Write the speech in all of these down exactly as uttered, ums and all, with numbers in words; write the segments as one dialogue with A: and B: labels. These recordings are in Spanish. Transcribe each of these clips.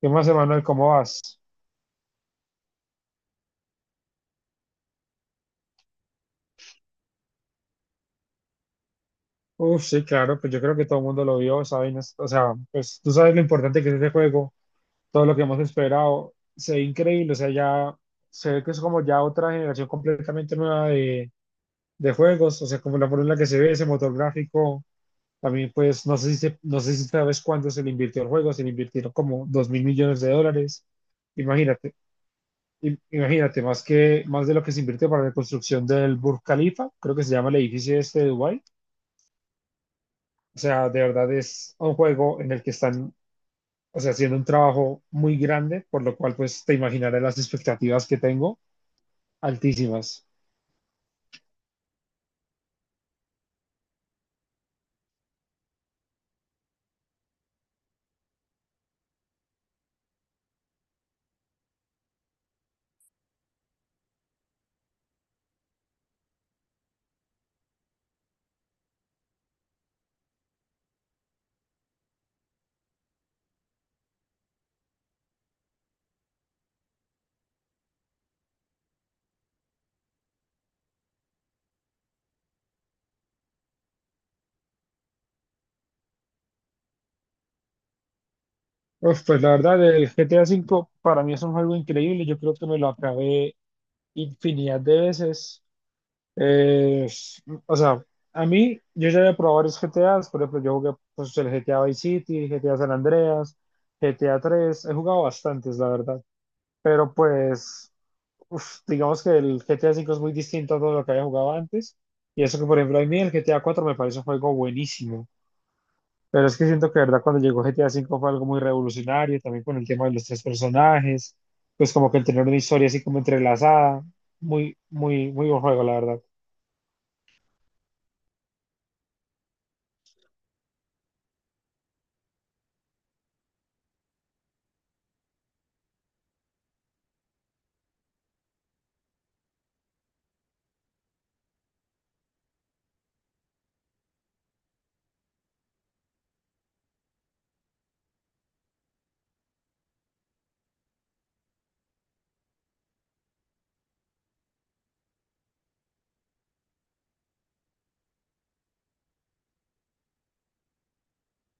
A: ¿Qué más, Emanuel? ¿Cómo vas? Uf, sí, claro, pues yo creo que todo el mundo lo vio, ¿sabes? O sea, pues tú sabes lo importante que es este juego, todo lo que hemos esperado, se ve increíble, o sea, ya se ve que es como ya otra generación completamente nueva de, de juegos, o sea, como la forma en la que se ve ese motor gráfico, también pues no sé si, se- no sé si sabes cuánto se le invirtió al juego, se le invirtieron como dos mil millones de dólares. Imagínate, im- imagínate, más que, más de lo que se invirtió para la construcción del Burj Khalifa, creo que se llama el edificio este de Dubái. O sea, de verdad es un juego en el que están, o sea, haciendo un trabajo muy grande, por lo cual, pues, te imaginarás las expectativas que tengo, altísimas. Uf, pues, la verdad, el G T A cinco para mí es un juego increíble. Yo creo que me lo acabé infinidad de veces. Eh, o sea, a mí, yo ya había probado varios G T As. Por ejemplo, yo jugué, pues, el G T A Vice City, G T A San Andreas, G T A tres. He jugado bastantes, la verdad. Pero, pues, uf, digamos que el G T A cinco es muy distinto a todo lo que había jugado antes. Y eso que, por ejemplo, a mí el G T A cuatro me parece un juego buenísimo. Pero es que siento que, de verdad, cuando llegó G T A cinco fue algo muy revolucionario, también con el tema de los tres personajes, pues como que el tener una historia así como entrelazada. Muy, muy, muy buen juego, la verdad.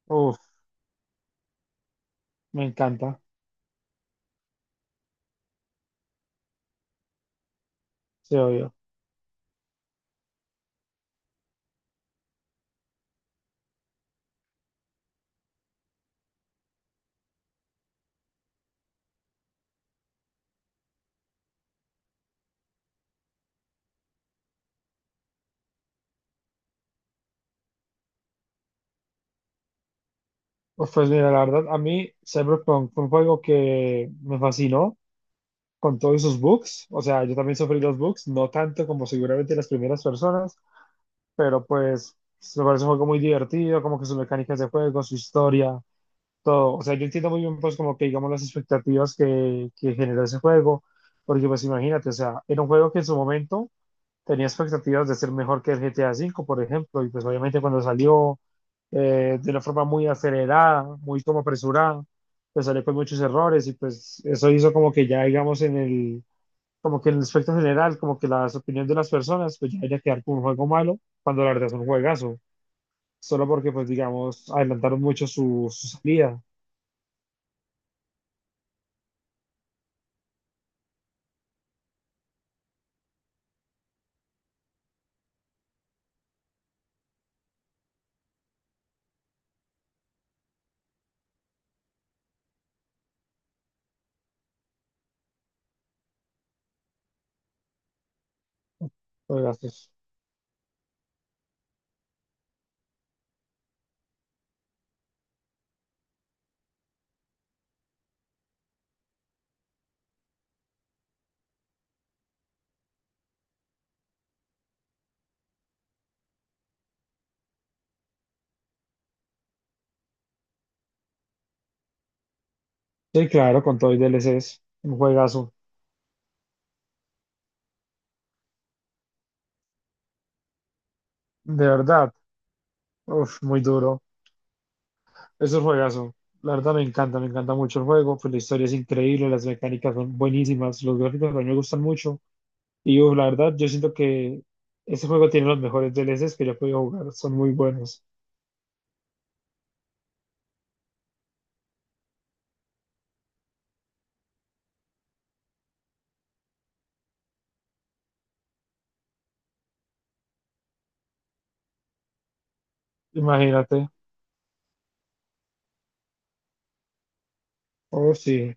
A: Uf, me encanta, sí, obvio. Uf, pues mira, la verdad, a mí Cyberpunk fue un juego que me fascinó con todos sus bugs. O sea, yo también sufrí los bugs, no tanto como seguramente las primeras personas, pero pues me parece un juego muy divertido, como que sus mecánicas de juego, su historia, todo. O sea, yo entiendo muy bien, pues, como que digamos las expectativas que, que generó ese juego, porque pues imagínate, o sea, era un juego que en su momento tenía expectativas de ser mejor que el G T A cinco, por ejemplo, y pues obviamente cuando salió eh, de una forma muy acelerada, muy como apresurada, pues salió con muchos errores y pues eso hizo como que ya, digamos, en el como que en el aspecto general, como que las opiniones de las personas, pues ya debería quedar como un juego malo, cuando la verdad es un juegazo, solo porque, pues digamos, adelantaron mucho su, su salida, juegazos. Sí, claro, con todo y D L Cs, un juegazo, de verdad, uf, muy duro, es un juegazo, la verdad me encanta, me encanta mucho el juego, pues la historia es increíble, las mecánicas son buenísimas, los gráficos también me gustan mucho, y uf, la verdad yo siento que ese juego tiene los mejores D L Cs que yo he podido jugar, son muy buenos, imagínate, oh sí.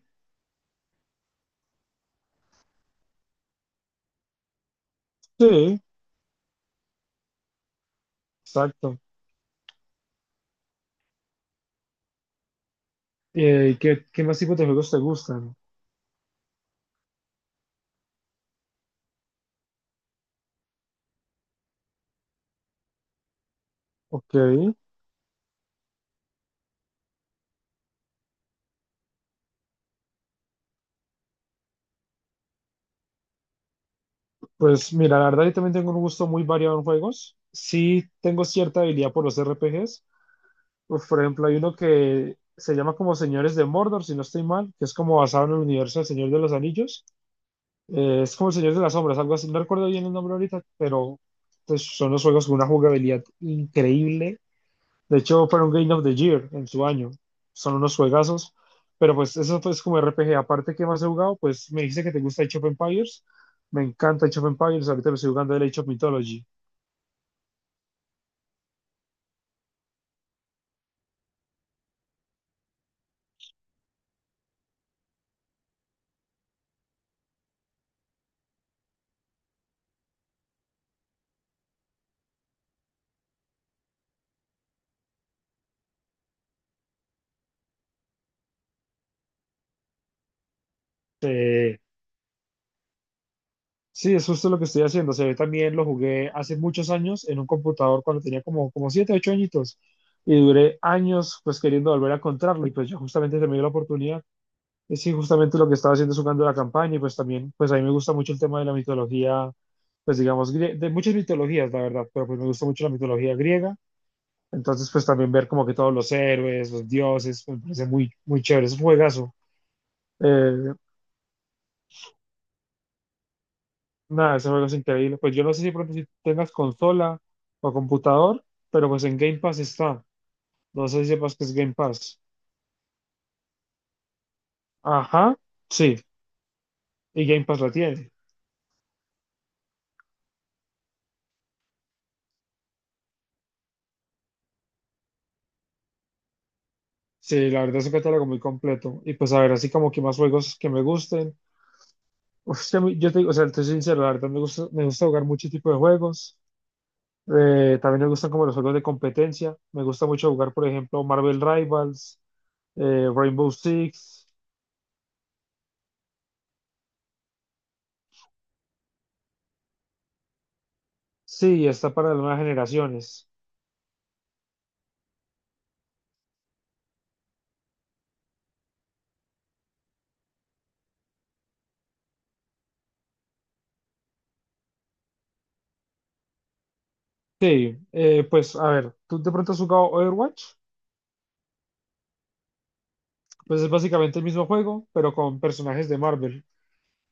A: Sí, exacto. Eh, ¿qué, qué más tipos de juegos te gustan? Ok, pues mira, la verdad yo también tengo un gusto muy variado en juegos. Sí tengo cierta habilidad por los R P Gs. Uf, por ejemplo, hay uno que se llama como Señores de Mordor, si no estoy mal, que es como basado en el universo del Señor de los Anillos. Eh, es como el Señor de las Sombras, algo así. No recuerdo bien el nombre ahorita, pero pues, son los juegos con una jugabilidad increíble. De hecho, fueron Game of the Year en su año. Son unos juegazos. Pero pues eso es como R P G. Aparte, ¿qué más he jugado? Pues me dice que te gusta Age of Empires. Me encanta Age of Empires. Ahorita lo estoy jugando el Age of Mythology. Eh, sí, es justo lo que estoy haciendo. O sea, también lo jugué hace muchos años en un computador cuando tenía como, como siete ocho añitos. Y duré años pues queriendo volver a encontrarlo. Y pues yo justamente se me dio la oportunidad. Y sí, justamente lo que estaba haciendo es jugando la campaña y pues también, pues a mí me gusta mucho el tema de la mitología, pues digamos, grie- de muchas mitologías, la verdad, pero pues me gusta mucho la mitología griega. Entonces, pues también ver como que todos los héroes, los dioses, pues, me parece muy, muy chévere, es un juegazo. Eh, Nada, ese juego es increíble. Pues yo no sé si pronto si tengas consola o computador, pero pues en Game Pass está. No sé si sepas que es Game Pass. Ajá, sí, y Game Pass la tiene. Sí, la verdad es un catálogo muy completo. Y pues a ver, así como que más juegos que me gusten. Usted, muy- yo te digo, o sea, te sincero, la verdad me gusta, me gusta jugar muchos tipos de juegos. Eh, también me gustan como los juegos de competencia. Me gusta mucho jugar, por ejemplo, Marvel Rivals, eh, Rainbow Six. Sí, está para las nuevas generaciones. Sí, eh, pues a ver, ¿tú de pronto has jugado Overwatch? Pues es básicamente el mismo juego, pero con personajes de Marvel.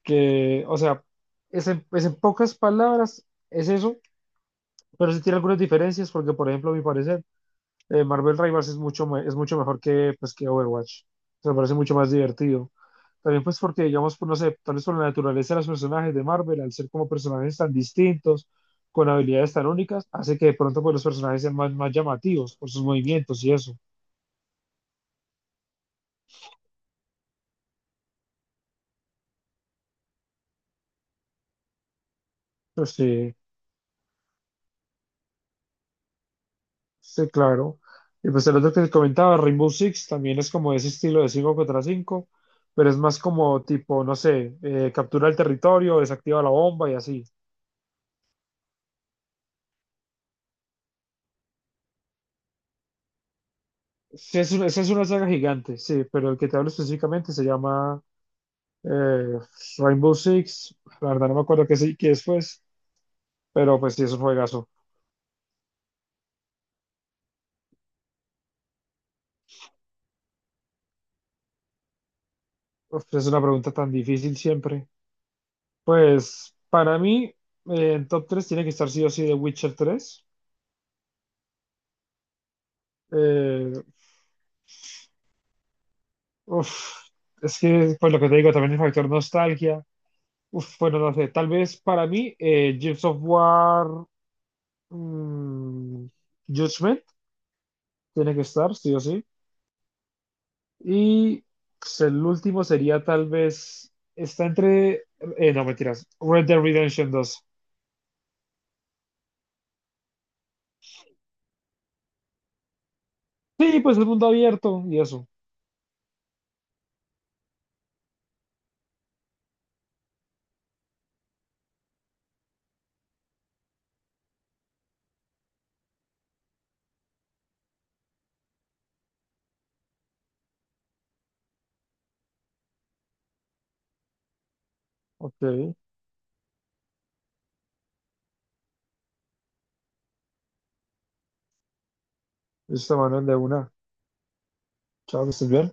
A: Que, o sea, es en, pues en pocas palabras, es eso, pero sí tiene algunas diferencias, porque, por ejemplo, a mi parecer, eh, Marvel Rivals es mucho, me- es mucho mejor que, pues, que Overwatch. Se me parece mucho más divertido. También pues porque, digamos, pues, no sé, tal vez por la naturaleza de los personajes de Marvel, al ser como personajes tan distintos, con habilidades tan únicas, hace que de pronto pues, los personajes sean más, más llamativos por sus movimientos y eso. Pues sí, sí, claro. Y pues el otro que te comentaba, Rainbow Six, también es como ese estilo de cinco contra cinco, pero es más como tipo, no sé, eh, captura el territorio, desactiva la bomba y así. Sí, es una, esa es una saga gigante, sí, pero el que te hablo específicamente se llama eh, Rainbow Six. La verdad no me acuerdo qué, sí- qué es, pues, pero pues sí, es un juegazo. Uf, es una pregunta tan difícil siempre. Pues para mí, eh, en top tres tiene que estar sí o sí The Witcher tres. Eh, Uf, es que, pues lo que te digo, también el factor nostalgia. Uf, bueno, no sé, tal vez para mí, eh, Gears of War, mm, Judgment tiene que estar, sí o sí. Y pues, el último sería tal vez, está entre, eh, no mentiras, Red Dead Redemption dos. Sí, pues el mundo abierto y eso. Ok, listo, Manuel, de una. Chao, que estés bien.